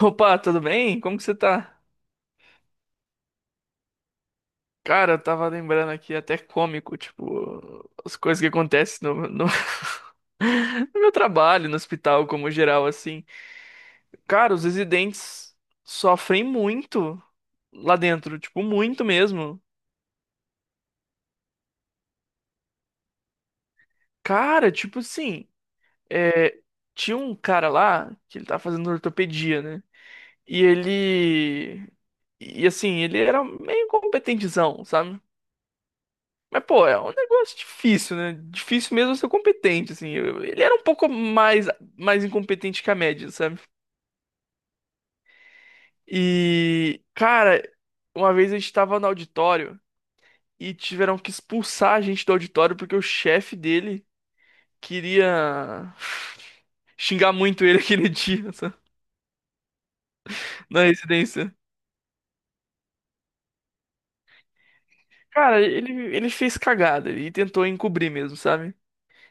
Opa, tudo bem? Como que você tá? Cara, eu tava lembrando aqui, até cômico, tipo, as coisas que acontecem no meu trabalho, no hospital, como geral, assim. Cara, os residentes sofrem muito lá dentro, tipo, muito mesmo. Cara, tipo assim, é, tinha um cara lá que ele tava fazendo ortopedia, né? E ele. E assim, ele era meio competentezão, sabe? Mas, pô, é um negócio difícil, né? Difícil mesmo ser competente, assim. Ele era um pouco mais incompetente que a média, sabe? E, cara, uma vez a gente tava no auditório e tiveram que expulsar a gente do auditório porque o chefe dele queria xingar muito ele aquele dia, sabe? Na residência. Cara, ele fez cagada e tentou encobrir mesmo, sabe?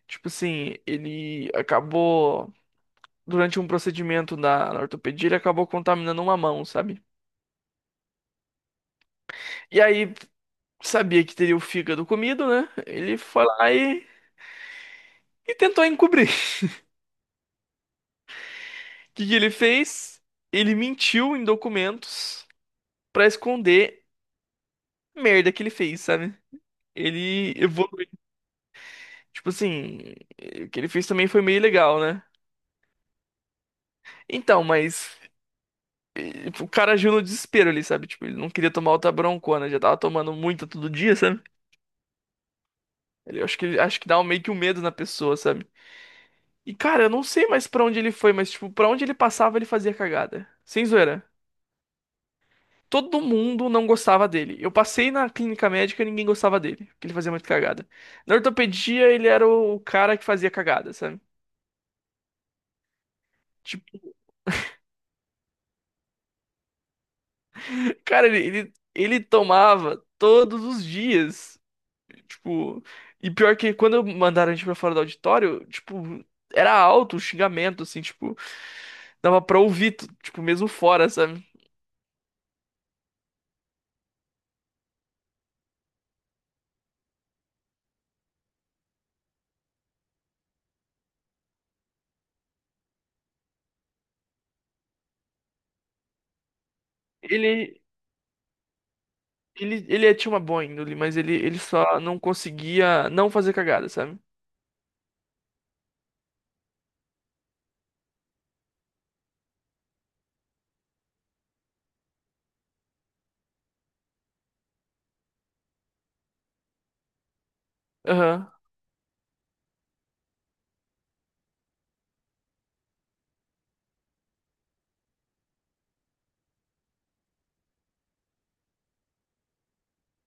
Tipo assim, ele acabou. Durante um procedimento na ortopedia, ele acabou contaminando uma mão, sabe? E aí, sabia que teria o fígado comido, né? Ele foi lá e tentou encobrir. O que que ele fez? Ele mentiu em documentos pra esconder a merda que ele fez, sabe? Ele evoluiu. Tipo assim, o que ele fez também foi meio legal, né? Então, mas o cara agiu no desespero ali, sabe? Tipo, ele não queria tomar outra broncona, já tava tomando muita todo dia, sabe? Ele, acho que, acho que dá meio que um medo na pessoa, sabe? E, cara, eu não sei mais pra onde ele foi, mas, tipo, pra onde ele passava, ele fazia cagada. Sem zoeira. Todo mundo não gostava dele. Eu passei na clínica médica e ninguém gostava dele, porque ele fazia muito cagada. Na ortopedia, ele era o cara que fazia cagada, sabe? Tipo, cara, ele tomava todos os dias. Tipo, e pior que quando mandaram a gente pra fora do auditório, tipo, era alto o xingamento, assim, tipo, dava pra ouvir, tipo, mesmo fora, sabe? Ele, Ele, ele tinha uma boa índole, mas ele só não conseguia não fazer cagada, sabe? Aham.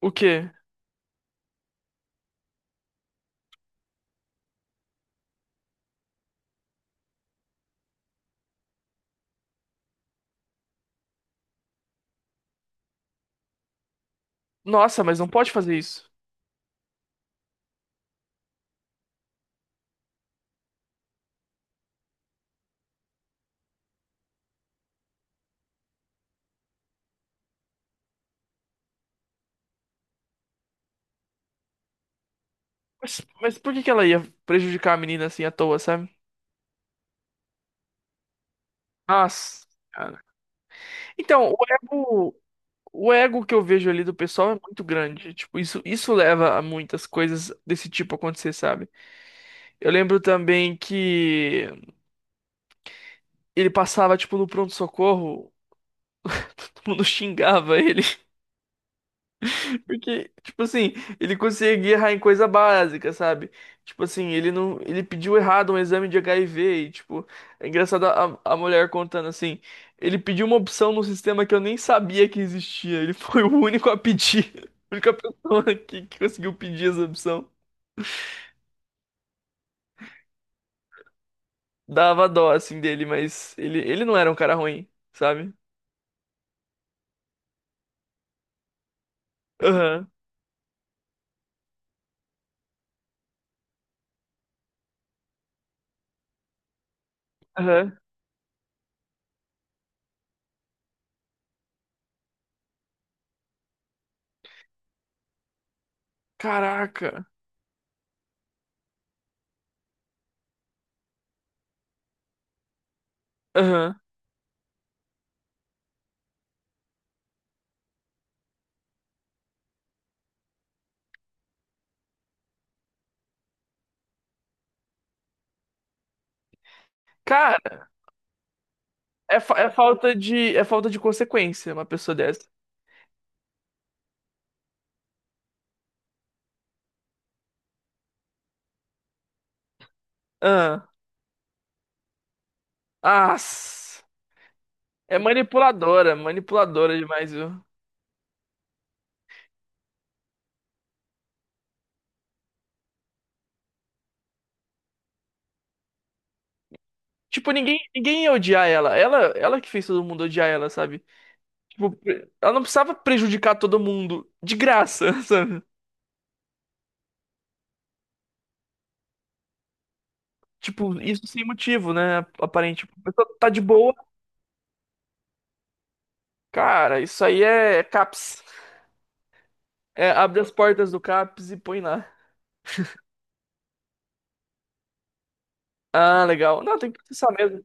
O quê? Nossa, mas não pode fazer isso. Mas por que que ela ia prejudicar a menina assim à toa, sabe? Nossa, cara. Então, o ego que eu vejo ali do pessoal é muito grande. Tipo, isso leva a muitas coisas desse tipo acontecer, sabe? Eu lembro também que ele passava, tipo, no pronto-socorro, todo mundo xingava ele. Porque, tipo assim, ele conseguia errar em coisa básica, sabe? Tipo assim, ele não, ele pediu errado um exame de HIV e, tipo, é engraçado a mulher contando assim, ele pediu uma opção no sistema que eu nem sabia que existia. Ele foi o único a pedir, a única pessoa que conseguiu pedir essa opção. Dava dó, assim, dele, mas ele não era um cara ruim, sabe? Aham, aham. Caraca. Aham. Cara, é, é falta é falta de consequência uma pessoa dessa. Aham. Ah, é manipuladora, manipuladora demais, viu? Tipo, ninguém ia odiar ela. Ela que fez todo mundo odiar ela, sabe? Tipo, ela não precisava prejudicar todo mundo de graça, sabe? Tipo, isso sem motivo, né? Aparente. Tipo, a pessoa tá de boa. Cara, isso aí é CAPS. É, abre as portas do CAPS e põe lá. Ah, legal. Não, tem que processar mesmo.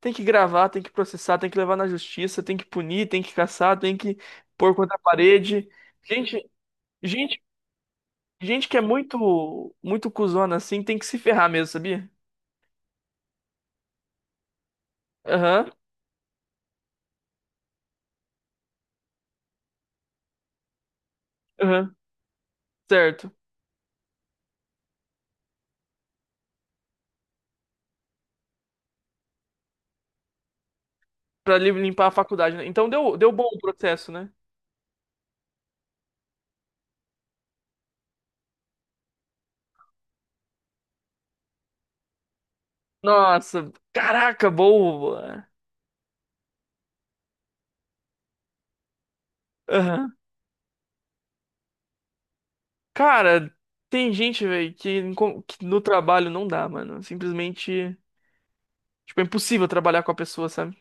Tem que gravar, tem que processar, tem que levar na justiça, tem que punir, tem que caçar, tem que pôr contra a parede. Gente, gente, gente que é muito, muito cuzona assim tem que se ferrar mesmo, sabia? Aham, ahaham, certo. Limpar a faculdade, né? Então deu, deu bom o processo, né? Nossa, caraca, boa. Aham. Cara, tem gente, velho, que no trabalho não dá, mano. Simplesmente, tipo, é impossível trabalhar com a pessoa, sabe?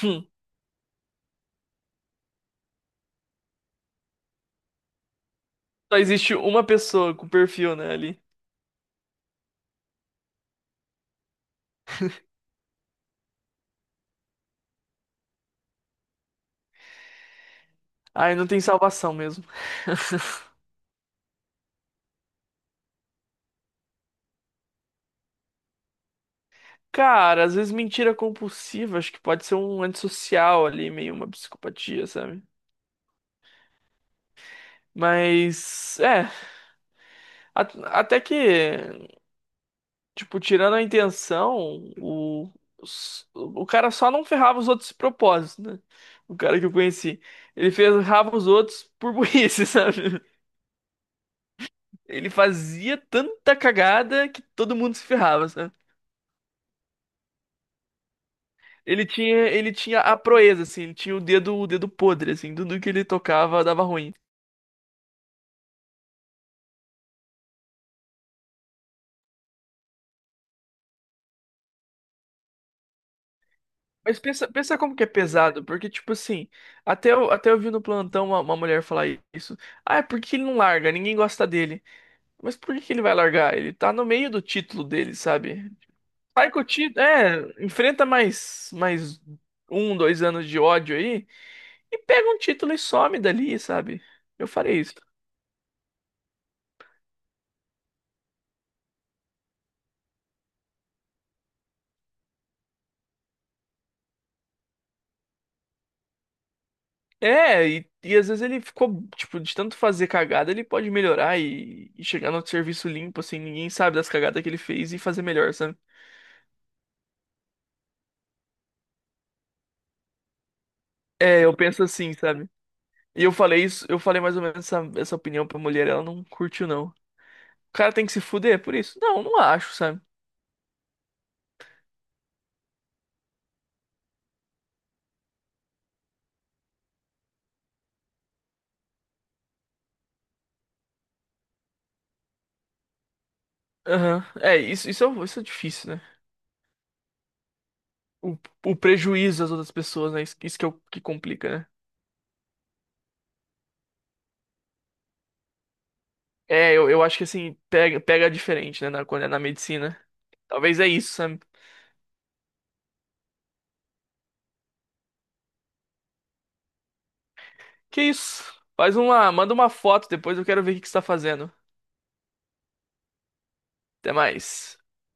Hum, Só existe uma pessoa com perfil, né, ali. Aí não tem salvação mesmo. Cara, às vezes mentira compulsiva, acho que pode ser um antissocial ali, meio uma psicopatia, sabe? Mas, é, até que, tipo, tirando a intenção, o, o cara só não ferrava os outros de propósito, né? O cara que eu conheci. Ele ferrava os outros por burrice, sabe? Ele fazia tanta cagada que todo mundo se ferrava, sabe? Ele tinha a proeza, assim, ele tinha o dedo podre, assim, tudo que ele tocava dava ruim. Mas pensa, pensa como que é pesado, porque, tipo assim, até eu vi no plantão uma mulher falar isso. Ah, é porque ele não larga, ninguém gosta dele. Mas por que que ele vai largar? Ele tá no meio do título dele, sabe? Sai com o título, é, enfrenta mais um, dois anos de ódio aí, e pega um título e some dali, sabe? Eu farei isso. É, e às vezes ele ficou, tipo, de tanto fazer cagada, ele pode melhorar e chegar no serviço limpo, assim, ninguém sabe das cagadas que ele fez e fazer melhor, sabe? É, eu penso assim, sabe? E eu falei isso, eu falei mais ou menos essa opinião pra mulher, ela não curtiu, não. O cara tem que se fuder por isso? Não, não acho, sabe? Aham. É, isso é difícil, né? O, o prejuízo das outras pessoas, né? Isso que, é o que complica, né? É, eu acho que assim, pega, pega diferente, né? Quando é na medicina. Talvez é isso, sabe? Que isso? Faz uma, manda uma foto depois, eu quero ver o que que você tá fazendo. Até mais.